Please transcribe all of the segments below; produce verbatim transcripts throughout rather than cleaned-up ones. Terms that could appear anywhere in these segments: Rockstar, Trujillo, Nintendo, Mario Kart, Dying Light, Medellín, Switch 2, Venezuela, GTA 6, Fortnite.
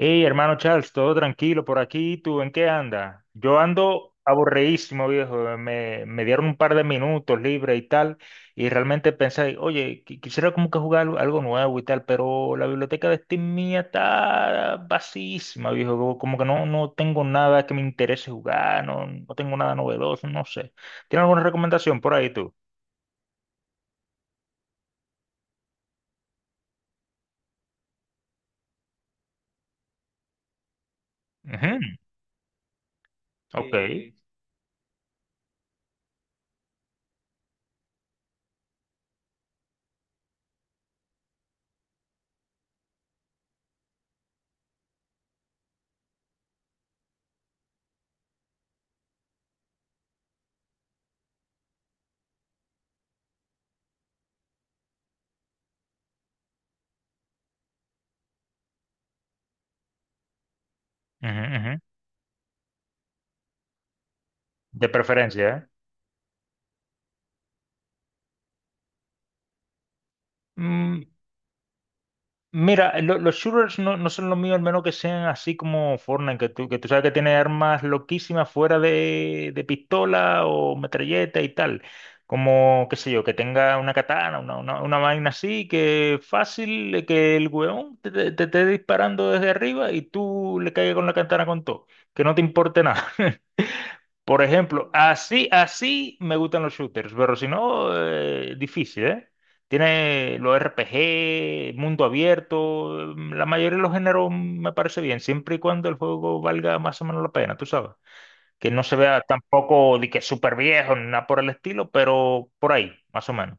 Hey, hermano Charles, todo tranquilo por aquí. ¿Tú en qué andas? Yo ando aburridísimo, viejo. Me, me dieron un par de minutos libre y tal. Y realmente pensé, oye, qui- quisiera como que jugar algo algo nuevo y tal, pero la biblioteca de Steam mía está vacísima, viejo. Como como que no, no tengo nada que me interese jugar, no, no tengo nada novedoso, no sé. ¿Tienes alguna recomendación por ahí tú? Ujú. Ok. Eh, Ujú, ujú. De preferencia, ¿eh? Mira, lo- los shooters no, no son lo mío, al menos que sean así como Fortnite, que tú, que tú sabes que tiene armas loquísimas fuera de, de pistola o metralleta y tal. Como, qué sé yo, que tenga una katana, una, una, una vaina así, que fácil, eh, que el weón te, te- te esté disparando desde arriba y tú le caigas con la katana con todo, que no te importe nada. Por ejemplo, así, así me gustan los shooters, pero si no, eh, difícil, ¿eh? Tiene los R P G, mundo abierto, mm, la mayoría de los géneros me parece bien, siempre y cuando el juego valga más o menos la pena, tú sabes. Que no se vea tampoco de que súper viejo, ni nada por el estilo, pero por ahí, más o menos.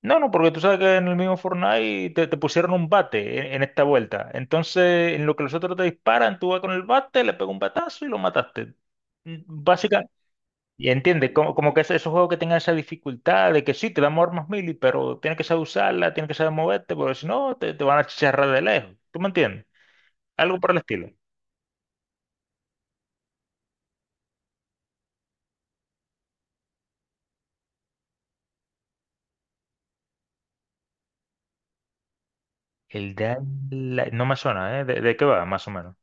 No, no, porque tú sabes que en el mismo Fortnite te, te pusieron un bate en, en esta vuelta. Entonces, en lo que los otros te disparan, tú vas con el bate, le pegas un batazo y lo mataste. Básicamente. Y entiende, como, como que es- esos juegos que tengan esa dificultad de que sí, te dan armas mili, pero tienes que saber usarla, tienes que saber moverte, porque si no, te, te van a chicharrar de lejos. ¿Tú me entiendes? Algo por el estilo. El Dying Light- No me suena, ¿eh? ¿De, de qué va, más o menos?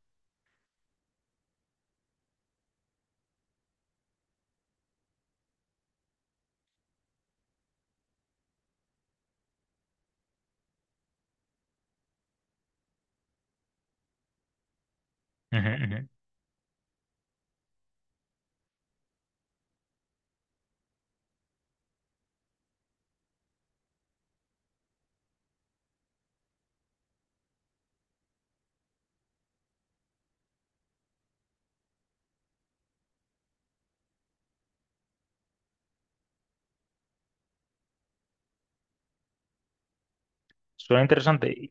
Ujú, ujú. Suena interesante.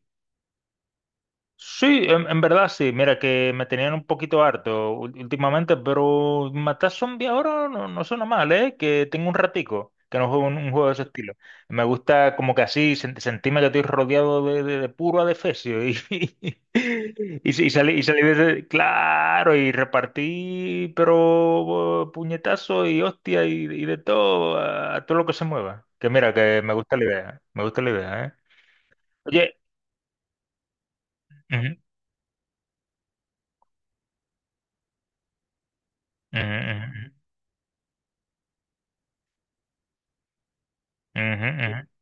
Sí, en, en verdad sí. Mira que me tenían un poquito harto ú- últimamente, pero matar zombies ahora no, no suena mal, ¿eh? Que tengo un ratico que no juego un, un juego de ese estilo. Me gusta como que así sen- sentirme que estoy rodeado de, de, de puro adefesio y, y, sí, y salí- y salí de ese- claro, y repartí, pero puñetazo y hostia y, y de todo, a, a todo lo que se mueva. Que mira, que me gusta la idea, me gusta la idea, ¿eh? Oye. Ujú, ujú, ujú, ujú, ujú.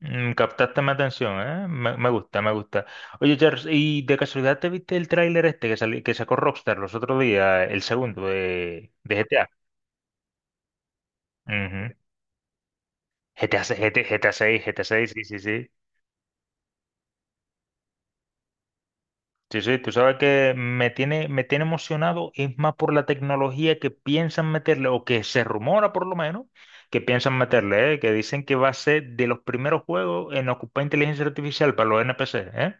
Mm, captaste mi atención, ¿eh? Me, me gusta, me gusta. Oye, Charles, ¿y de casualidad te viste el tráiler este que, sali- que sacó Rockstar los otros días, el segundo de, de GTA? Ujú. GTA, se- GT GTA seis, GTA seis, sí, sí, sí. Sí, sí, tú sabes que me tiene, me tiene emocionado, es más por la tecnología que piensan meterle, o que se rumora por lo menos, que piensan meterle, ¿eh? Que dicen que va a ser de los primeros juegos en ocupar inteligencia artificial para los N P C, ¿eh?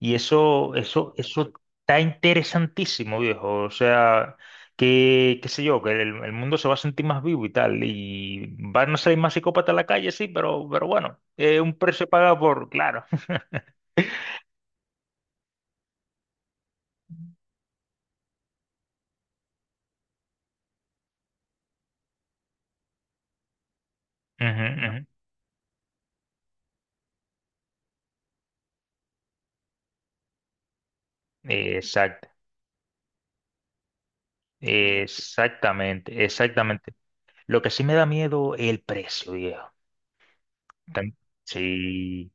Y eso, eso, eso está interesantísimo, viejo. O sea, que, qué sé yo, que el, el mundo se va a sentir más vivo y tal. Y van a salir más psicópatas a la calle, sí, pero, pero bueno, eh, un precio pagado por, claro. Ujú, ujú. Exacto, exactamente, exactamente. Lo que sí me da miedo es el precio, viejo. Tan- Sí,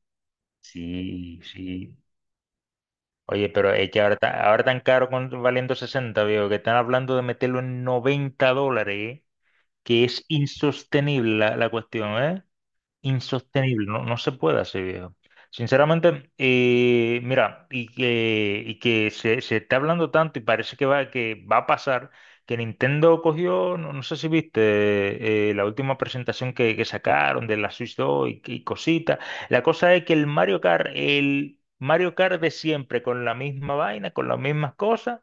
sí, sí. Oye, pero es que ahora, está- ahora tan caro con, valiendo sesenta, viejo, que están hablando de meterlo en noventa dólares, ¿eh? Que es insostenible la, la cuestión, ¿eh? Insostenible, no, no se puede así, viejo. Sinceramente, eh, mira, y que, y que se, se está hablando tanto y parece que va, que va a pasar, que Nintendo cogió, no, no sé si viste, eh, la última presentación que, que sacaron de la Switch dos y, y cositas. La cosa es que el Mario Kart, el Mario Kart de siempre, con la misma vaina, con las mismas cosas,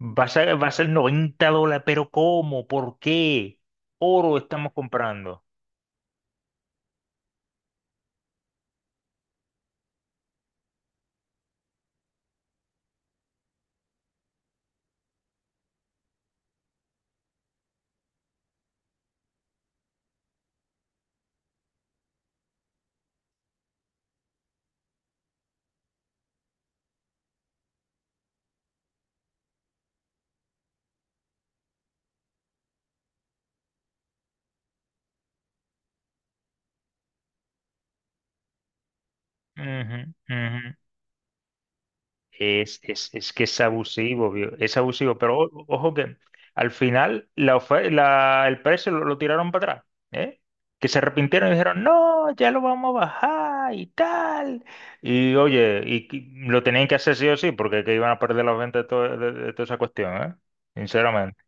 va a ser, va a ser noventa dólares, pero ¿cómo? ¿Por qué? Oro estamos comprando. Ujú, ujú. Es, es, es que es abusivo, vio, es abusivo, pero o- ojo que al final la ofe- la- el precio lo, lo tiraron para atrás, ¿eh? Que se arrepintieron y dijeron, no, ya lo vamos a bajar y tal. Y oye, y, que- lo tenían que hacer sí o sí, porque que iban a perder los ventas de, todo- de- de toda esa cuestión, ¿eh? Sinceramente.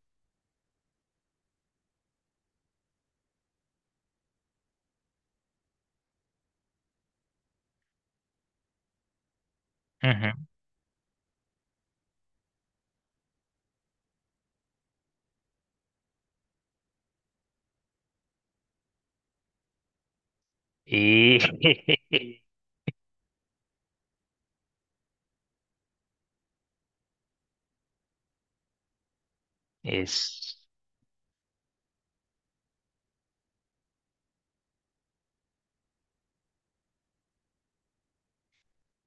Ujú. Y es...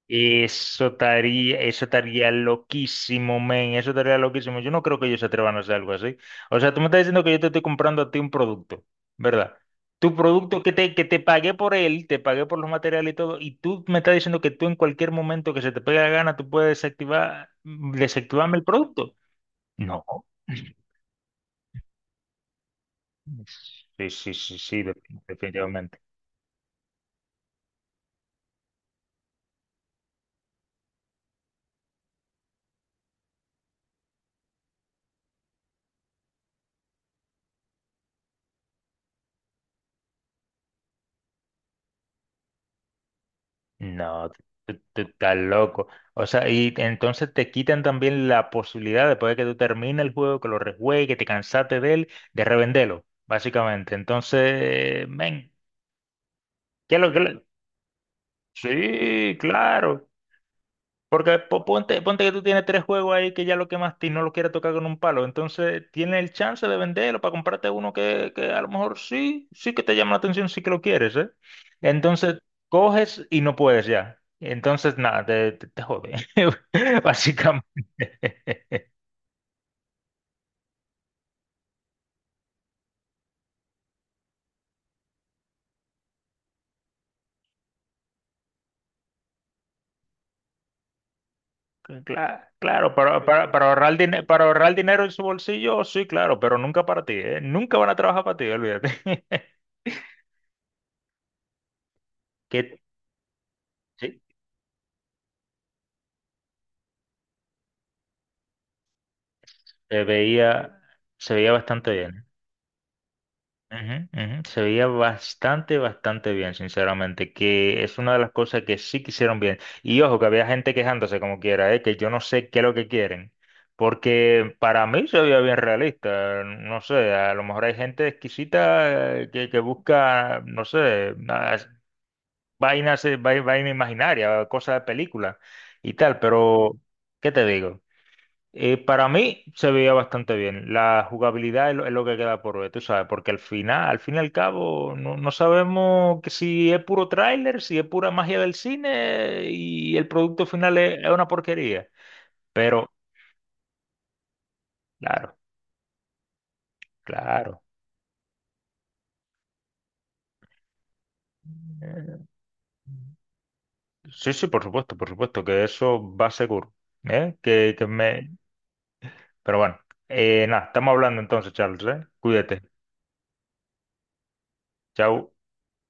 Eso estaría, eso estaría loquísimo, men, eso estaría loquísimo. Yo no creo que ellos se atrevan a hacer algo así. O sea, tú me estás diciendo que yo te estoy comprando a ti un producto, ¿verdad? Tu producto que te, que te pagué por él, te pagué por los materiales y todo, y tú me estás diciendo que tú en cualquier momento que se te pegue la gana, tú puedes desactivar, desactivarme el producto. No. Sí, sí, sí, sí, definitivamente. No, tú tú estás loco. O sea, y entonces te quitan también la posibilidad, después de que tú termines el juego, que lo rejuegues, que te cansaste de él, de revenderlo, básicamente. Entonces, men, ¿qué es lo que le- Sí, claro. Porque po- ponte, ponte que tú tienes tres juegos ahí que ya lo quemaste y no lo quieres tocar con un palo. Entonces, tienes el chance de venderlo para comprarte uno que, que a lo mejor sí, sí que te llama la atención, sí que lo quieres, ¿eh? Entonces, coges y no puedes ya. Entonces, nada, te, te, te jode. Básicamente. Claro, claro, para, para, para ahorrar dinero, para ahorrar dinero en su bolsillo, sí, claro, pero nunca para ti, ¿eh? Nunca van a trabajar para ti, olvídate. Que sí, se veía, se veía bastante bien. Ujú, ujú. Se veía bastante, bastante bien, sinceramente, que es una de las cosas que sí que hicieron bien. Y ojo, que había gente quejándose como quiera, ¿eh? Que yo no sé qué es lo que quieren, porque para mí se veía bien realista, no sé, a lo mejor hay gente exquisita eh, que, que busca, no sé, unas vainas, eh, vai- vaina imaginaria, cosas de película y tal, pero, ¿qué te digo? Eh, para mí se veía bastante bien. La jugabilidad es lo, es lo que queda por ver, tú sabes, porque al final, al fin y al cabo, no, no sabemos que si es puro tráiler, si es pura magia del cine y el producto final es, es una porquería. Pero, claro, claro. Eh, Sí, sí, por supuesto, por supuesto, que eso va seguro. ¿Eh? Que, que me... Pero bueno, eh, nada, estamos hablando entonces, Charles, ¿eh? Cuídate. Chao.